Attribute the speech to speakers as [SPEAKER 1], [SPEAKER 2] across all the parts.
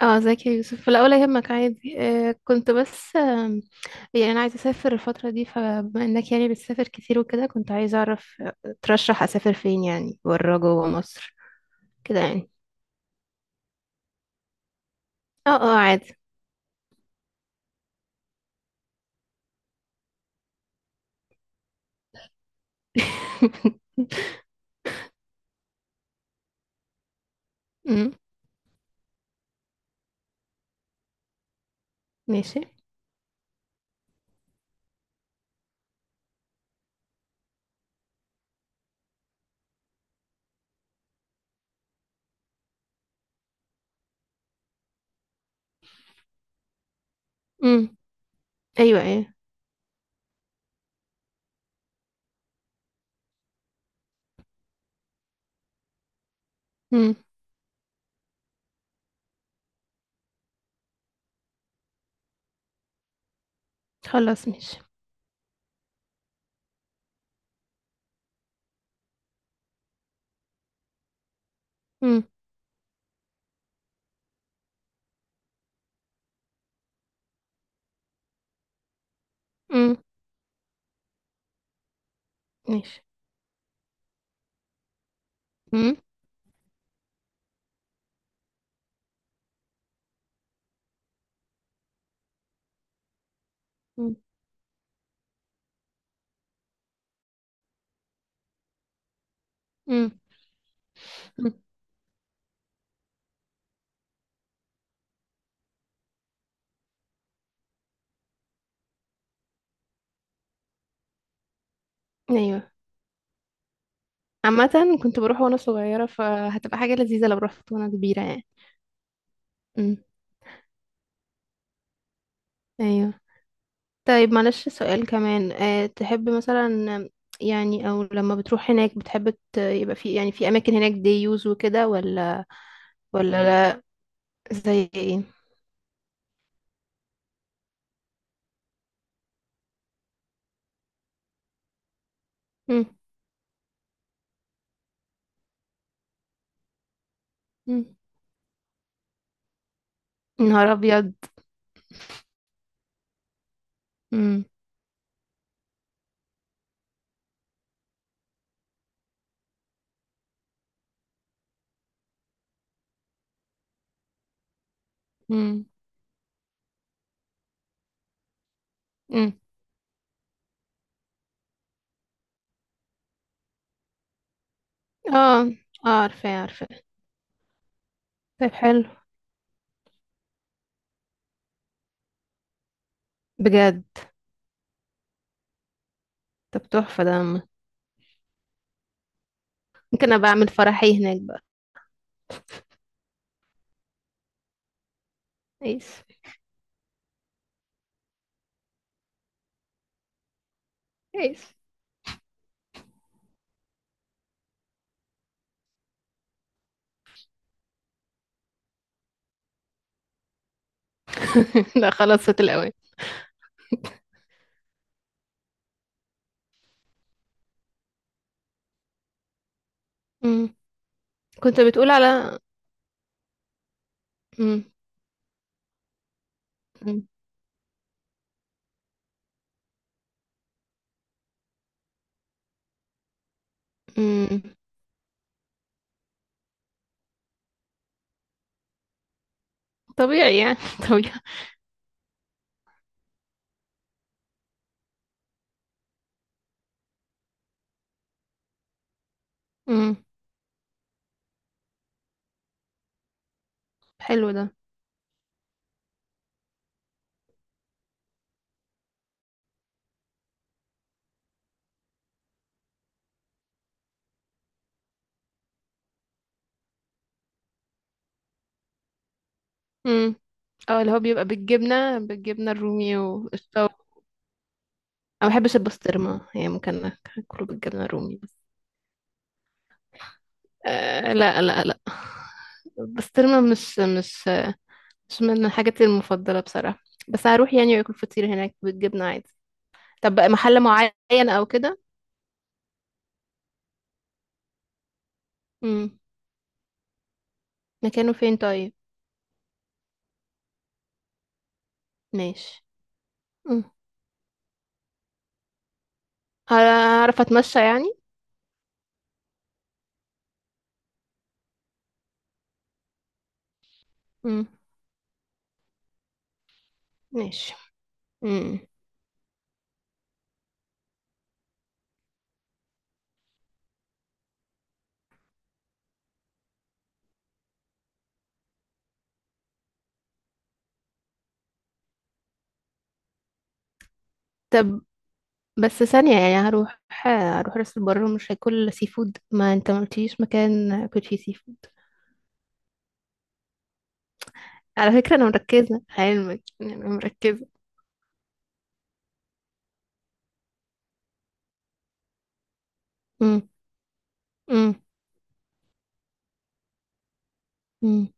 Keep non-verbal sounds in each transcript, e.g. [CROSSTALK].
[SPEAKER 1] اه، ازيك يا يوسف؟ لا ولا يهمك، عادي. كنت بس، يعني انا عايزه اسافر الفتره دي، فبما انك يعني بتسافر كتير وكده، كنت عايزه اعرف، ترشح اسافر فين؟ يعني بره جوه مصر؟ كده يعني. اه اه، عادي. [LAUGHS] امم. ماشي. امم. ايوه ايوه. امم. خلاص ماشي. امم. امم. ماشي. امم. امم. امم. أمم. ايوه. عامه، كنت بروح وانا صغيره، فهتبقى حاجه لذيذه لو رحت وانا كبيره يعني. امم. ايوه. طيب معلش سؤال كمان، تحب مثلا، يعني او لما بتروح هناك، بتحب يبقى في، يعني في اماكن هناك دي يوز وكده، ولا؟ ولا لا؟ زي ايه؟ مم. مم. نهار ابيض. مم. مم. مم. اه اه، عارفه عارفه. طيب حلو. بجد. طب تحفه، ده ممكن ابقى اعمل فرحي هناك بقى. اسف، اسف. [LAUGHS] لا خلاص، فات الاوان. مم. كنت بتقول على. مم. مم. مم. طبيعي يعني. [LAUGHS] طبيعي. مم. حلو ده. امم. اه، اللي هو بيبقى بالجبنة، بالجبنة الرومي والشطة. انا ما بحبش البسطرمة يعني، ممكن اكله بالجبنة الرومي بس. آه، لا لا لا. البسطرمة مش من حاجاتي المفضلة بصراحة. بس هروح يعني واكل فطير هناك بالجبنة عادي. طب بقى محل معين او كده؟ امم. مكانه فين طيب؟ ماشي. امم. هعرف اتمشى يعني؟ امم. ماشي. امم. طب بس ثانية، يعني هروح راس البر ومش هاكل سي فود؟ ما انت ما قلتليش مكان اكل فيه سي فود. على فكرة انا مركزة علمك، يعني انا مركزة. مم. مم. مم.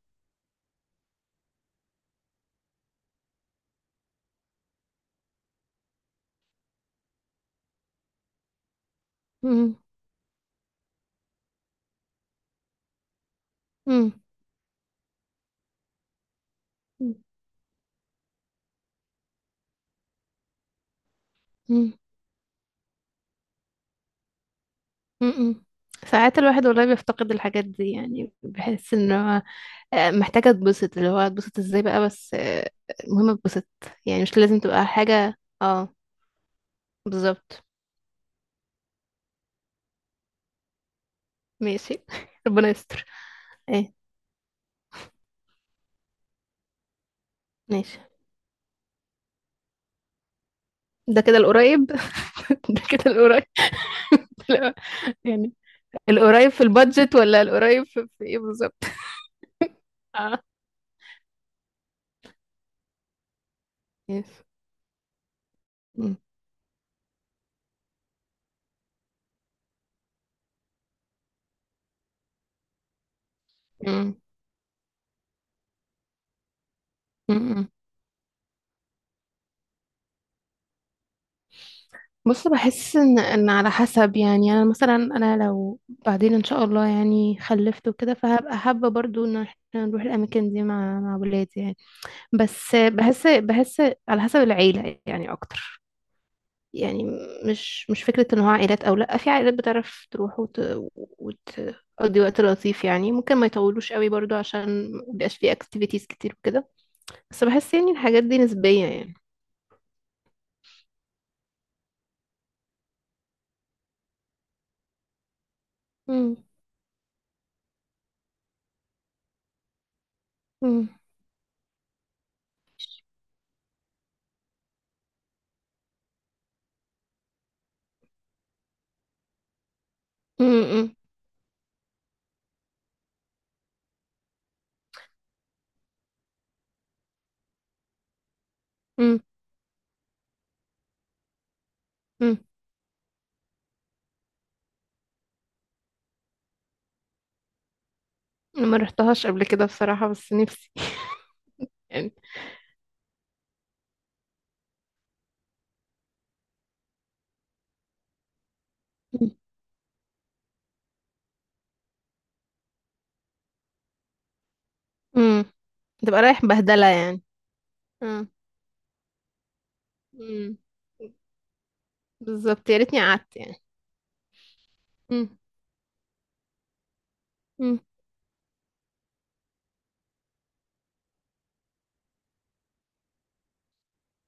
[SPEAKER 1] مم. مم. مم. مم. ساعات الواحد والله بيفتقد الحاجات دي، يعني بحس ان هو، محتاجة اتبسط، اللي هو اتبسط ازاي بقى، بس المهم اتبسط. يعني مش لازم تبقى حاجة. اه، بالظبط. ماشي. [LAUGHS] ربنا يستر. ايه؟ ماشي. ده كده القريب؟ [LAUGHS] ده كده القريب؟ لا يعني، القريب في البادجت ولا القريب في ايه بالظبط؟ آه. يس. مم. مم. مم. بص، بحس ان على حسب، يعني انا مثلا، انا لو بعدين ان شاء الله يعني خلفت وكده، فهبقى حابه برضو ان احنا نروح الاماكن دي مع ولادي يعني. بس بحس على حسب العيله يعني اكتر، يعني مش فكرة ان هو عائلات او لا، في عائلات بتعرف تروح وتقضي وقت لطيف، يعني ممكن ما يطولوش قوي برضو عشان مبيبقاش فيه اكتيفيتيز كتير وكده. بس بحس يعني الحاجات دي نسبية يعني. مم. مم. مم. مم. مم. أنا ما رحتهاش قبل كده بصراحة، بس نفسي. [LAUGHS] يعني. مم. تبقى رايح بهدلة يعني. مم. مم. بالظبط، يا ريتني قعدت يعني. مم. مم.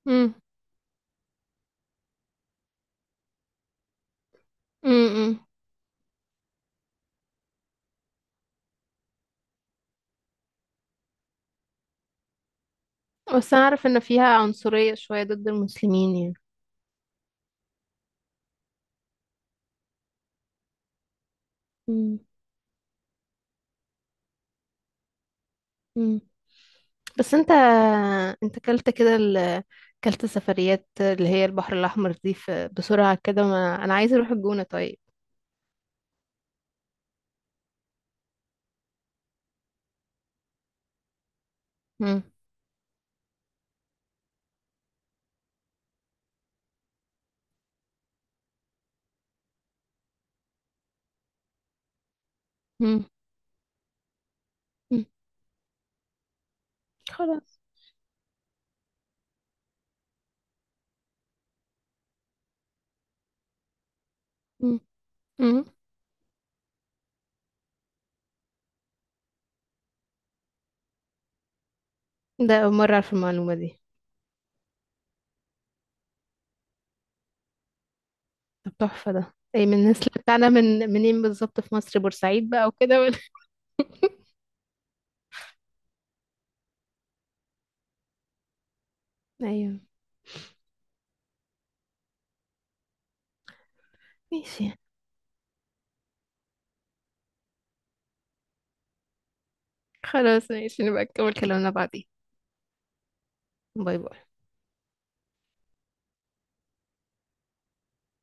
[SPEAKER 1] مم. مم. مم. بس أنا أعرف إن فيها عنصرية شوية ضد المسلمين يعني. مم. مم. بس انت، كلت كده كلت سفريات اللي هي البحر الأحمر دي بسرعة كده، ما... أنا عايزة أروح الجونة طيب. مم. مم. مم. خلاص. مم. مم. ده أول مرة أعرف المعلومة دي. طب تحفة ده، أي من الناس اللي بتاعنا، من منين بالظبط؟ في مصر بورسعيد بقى وكده، ولا؟ [LAUGHS] أيوه. ماشي. خلاص ماشي، نبقى نكمل كلامنا بعدين. باي باي.